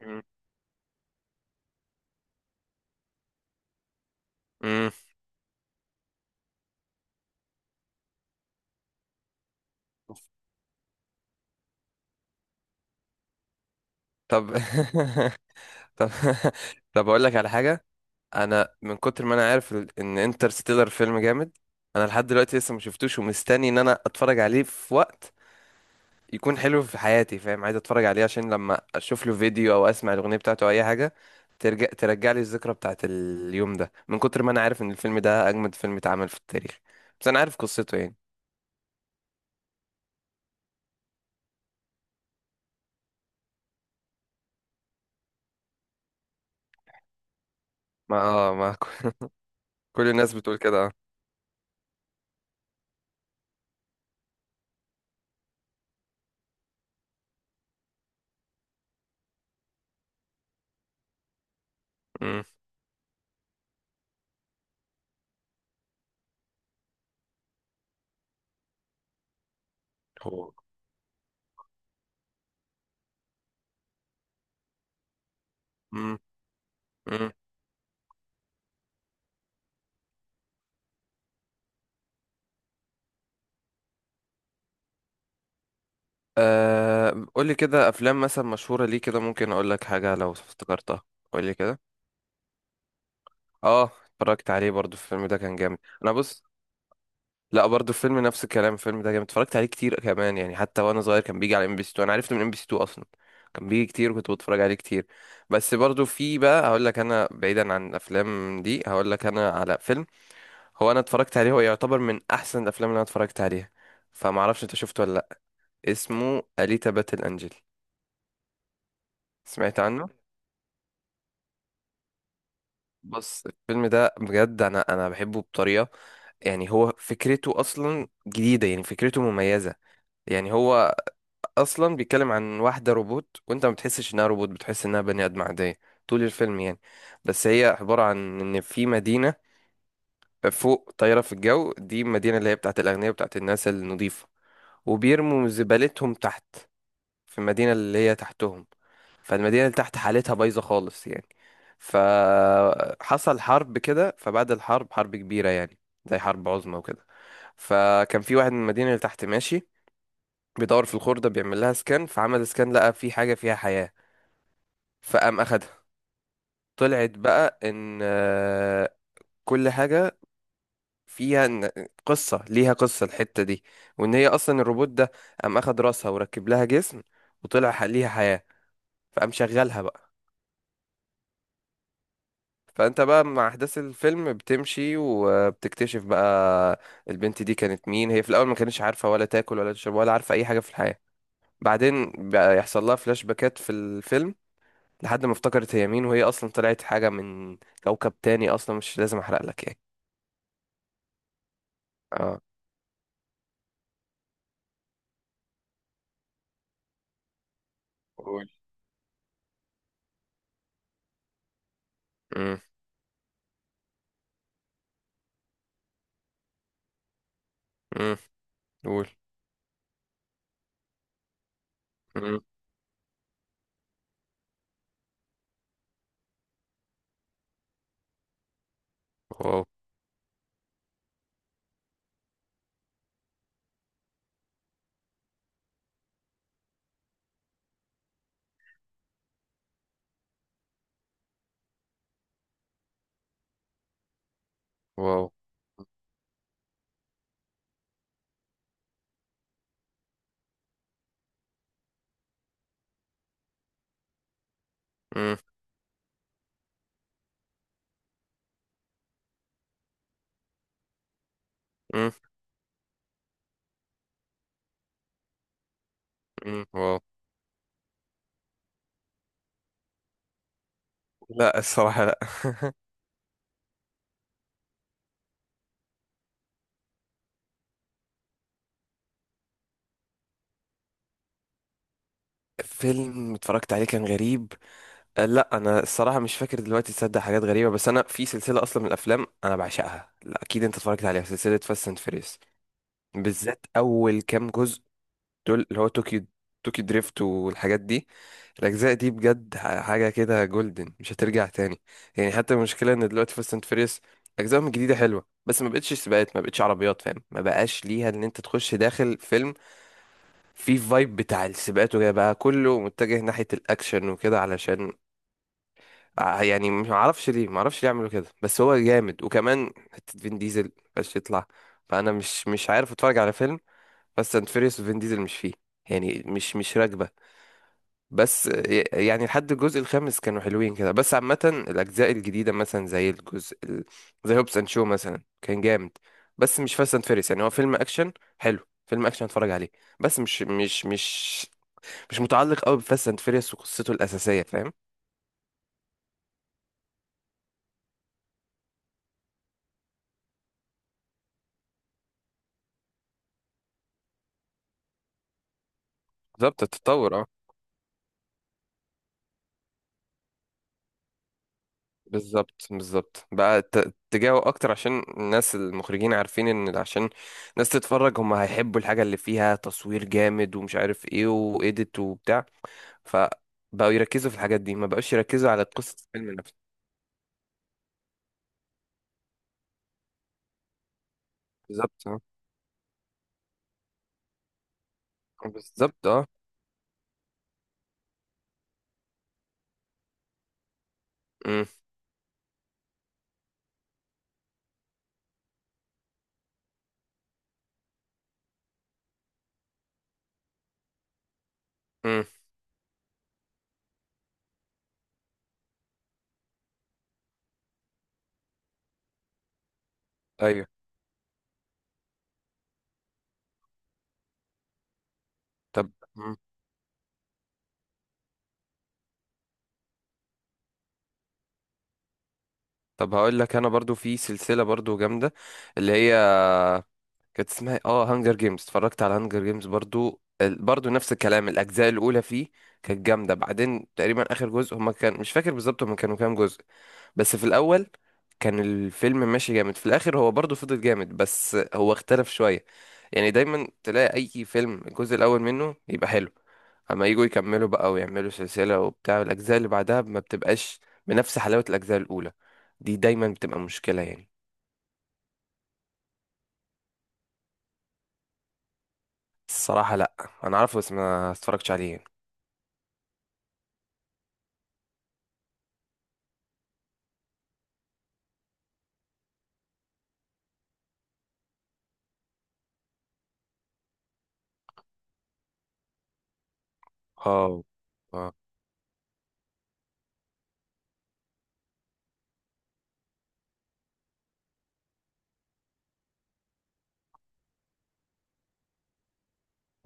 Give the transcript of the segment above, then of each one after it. مم. مم. طب. طب. طب، اقول لك على حاجه. انا من كتر ما انا عارف ان انترستيلر فيلم جامد. انا لحد دلوقتي لسه ما شفتوش ومستني ان انا اتفرج عليه في وقت يكون حلو في حياتي، فاهم. عايز اتفرج عليه عشان لما اشوف له فيديو او اسمع الاغنيه بتاعته او اي حاجه ترجع لي الذكرى بتاعت اليوم ده، من كتر ما انا عارف ان الفيلم ده اجمد فيلم اتعمل في التاريخ. بس انا عارف قصته يعني. ما اه ما كل الناس بتقول كده، اه. مم. هو. مم. أه، قولي كده افلام مثلا مشهوره ليه كده، ممكن اقول لك حاجه لو افتكرتها. قولي كده. اه، اتفرجت عليه برضو الفيلم ده كان جامد. انا بص، لا، برضو الفيلم نفس الكلام، الفيلم ده جامد، اتفرجت عليه كتير كمان يعني. حتى وانا صغير كان بيجي على ام بي سي 2، انا عرفته من ام بي سي 2 اصلا. كان بيجي كتير وكنت بتفرج عليه كتير. بس برضو في بقى هقول لك انا، بعيدا عن الافلام دي هقول لك انا على فيلم هو انا اتفرجت عليه، هو يعتبر من احسن الافلام اللي انا اتفرجت عليها. فما اعرفش انت شفته ولا لا. اسمه اليتا باتل انجل. سمعت عنه. بص الفيلم ده بجد انا بحبه بطريقه يعني. هو فكرته اصلا جديده يعني، فكرته مميزه يعني. هو اصلا بيتكلم عن واحده روبوت، وانت ما بتحسش انها روبوت، بتحس انها بني ادم عاديه طول الفيلم يعني. بس هي عباره عن ان في مدينه فوق طايره في الجو، دي المدينه اللي هي بتاعت الاغنياء، بتاعت الناس النظيفه. وبيرموا زبالتهم تحت في المدينه اللي هي تحتهم. فالمدينة اللي تحت حالتها بايظة خالص يعني. فحصل حرب كده، فبعد الحرب، حرب كبيرة يعني، زي حرب عظمى وكده. فكان في واحد من المدينة اللي تحت ماشي بيدور في الخردة، بيعمل لها سكان. فعمل سكان لقى في حاجة فيها حياة، فقام أخدها. طلعت بقى إن، كل حاجة فيها قصة، ليها قصة الحتة دي. وإن هي أصلا الروبوت ده، قام أخد راسها وركب لها جسم، وطلع ليها حياة، فقام شغلها بقى. فانت بقى مع احداث الفيلم بتمشي وبتكتشف بقى البنت دي كانت مين. هي في الاول ما كانتش عارفه ولا تاكل ولا تشرب ولا عارفه اي حاجه في الحياه. بعدين بقى يحصل لها فلاش باكات في الفيلم، لحد ما افتكرت هي مين، وهي اصلا طلعت حاجه من كوكب تاني اصلا. مش لازم احرق لك يعني. اه. قول. امم. امم. قول. امم. واو. واو. امم. امم. امم. واو. لا الصراحه لا. فيلم اتفرجت عليه كان غريب. لا، انا الصراحه مش فاكر دلوقتي تصدق، حاجات غريبه. بس انا في سلسله اصلا من الافلام انا بعشقها، لا اكيد انت اتفرجت عليها، سلسله فاست اند فيريس. بالذات اول كام جزء دول، اللي هو طوكيو، طوكيو دريفت والحاجات دي، الاجزاء دي بجد حاجه كده جولدن مش هترجع تاني. يعني حتى المشكله ان دلوقتي فاست اند فيريس اجزائهم الجديده حلوه، بس ما بقتش سباقات، ما بقتش عربيات، فاهم. ما بقاش ليها ان انت تخش داخل فيلم فيه فايب بتاع السباقات، وجاي بقى كله متجه ناحيه الاكشن وكده، علشان يعني ما اعرفش ليه، ما اعرفش ليه يعملوا كده. بس هو جامد، وكمان حته فين ديزل بس يطلع. فانا مش عارف اتفرج على فيلم بس اند فيريوس وفين ديزل مش فيه يعني، مش راكبه. بس يعني لحد الجزء الخامس كانوا حلوين كده، بس عامه الاجزاء الجديده مثلا زي الجزء زي هوبس اند شو مثلا كان جامد. بس مش فاست اند فيريوس يعني، هو فيلم اكشن حلو، فيلم اكشن اتفرج عليه. بس مش متعلق قوي بفاست اند فيريوس وقصته الاساسيه، فاهم. بالظبط، التطور. بالظبط، بالظبط بقى اتجاهه اكتر عشان الناس، المخرجين عارفين ان عشان الناس تتفرج هم هيحبوا الحاجه اللي فيها تصوير جامد ومش عارف ايه وايديت وبتاع. فبقوا يركزوا في الحاجات دي، ما بقوش يركزوا على قصه الفيلم نفسه. بالظبط، اه. بالظبط، اه. امم. امم. ايوه. طب. مم. طب هقول لك انا برضو في سلسله برضو جامده، اللي هي كانت اسمها إيه؟ اه، هانجر جيمز. اتفرجت على هانجر جيمز برضو، برضو نفس الكلام، الاجزاء الاولى فيه كانت جامده. بعدين تقريبا اخر جزء هما، كان مش فاكر بالظبط هما كانوا كام جزء، بس في الاول كان الفيلم ماشي جامد. في الاخر هو برضو فضل جامد بس هو اختلف شويه. يعني دايما تلاقي اي فيلم الجزء الاول منه يبقى حلو، اما يجوا يكملوا بقى ويعملوا سلسله وبتاع، الاجزاء اللي بعدها ما بتبقاش بنفس حلاوه الاجزاء الاولى. دي دايما بتبقى مشكله يعني. الصراحه لا. انا عارفه بس ما اتفرجتش عليه يعني. اه. اه.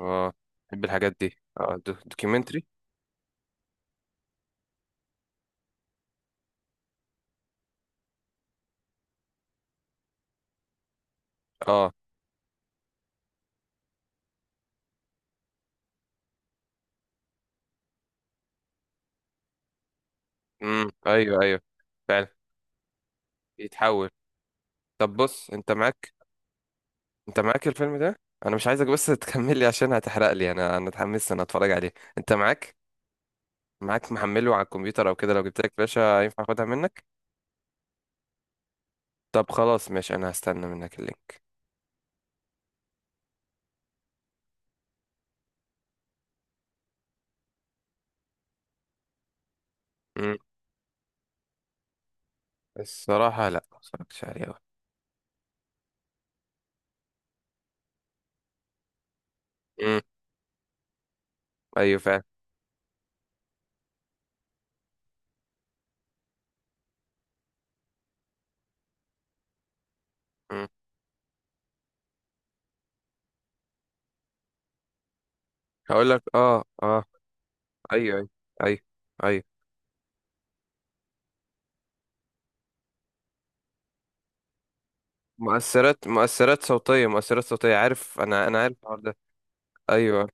اه، بحب الحاجات دي، اه، دوكيومنتري. اه. امم. ايوه، ايوه، فعلا. يتحول. طب بص انت معاك، انت معاك الفيلم ده، انا مش عايزك بس تكمل لي عشان هتحرق لي. انا اتحمست انا اتفرج عليه. انت معاك محمله على الكمبيوتر او كده، لو جبت لك باشا ينفع اخدها منك. طب خلاص ماشي انا هستنى منك اللينك. امم. الصراحه لا ما اتفرجتش عليه أوي. امم. ايوه فعلا. امم. هقول لك اه، اه، ايوه ايوه، ايوه ايوه. مؤثرات صوتية عارف، أنا عارف الحوار ده. أيوه.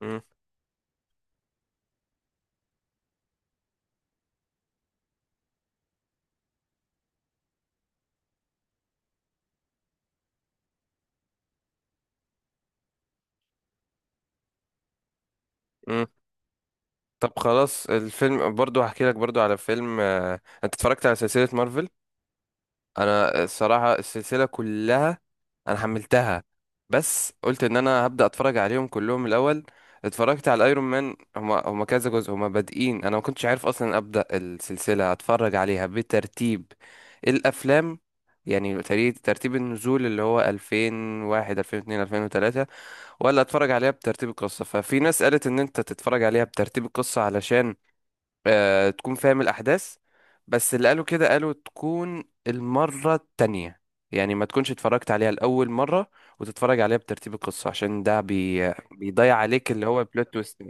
مم. مم. طب خلاص الفيلم، برضو هحكي لك برضو على فيلم، أنت اتفرجت على سلسلة مارفل. أنا الصراحة السلسلة كلها انا حملتها، بس قلت ان انا هبدا اتفرج عليهم كلهم الاول. اتفرجت على الايرون مان، هما كذا جزء، هما بادئين. انا ما كنتش عارف اصلا ابدا السلسله اتفرج عليها بترتيب الافلام يعني، ترتيب النزول اللي هو 2001 2002 2003، ولا اتفرج عليها بترتيب القصه. ففي ناس قالت ان انت تتفرج عليها بترتيب القصه علشان تكون فاهم الأحداث. بس اللي قالوا كده قالوا تكون المرة التانية، يعني ما تكونش اتفرجت عليها لأول مرة، وتتفرج عليها بترتيب القصة عشان ده بيضيع عليك اللي هو البلوت تويست.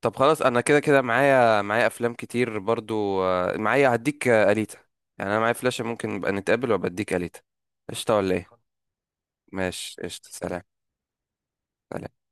طب خلاص أنا كده كده معايا أفلام كتير برضو، معايا هديك، أليتا. يعني أنا معايا فلاشة، ممكن نبقى نتقابل وأبقى أديك أليتا. قشطة ولا إيه؟ ماشي قشطة سلام. سلام.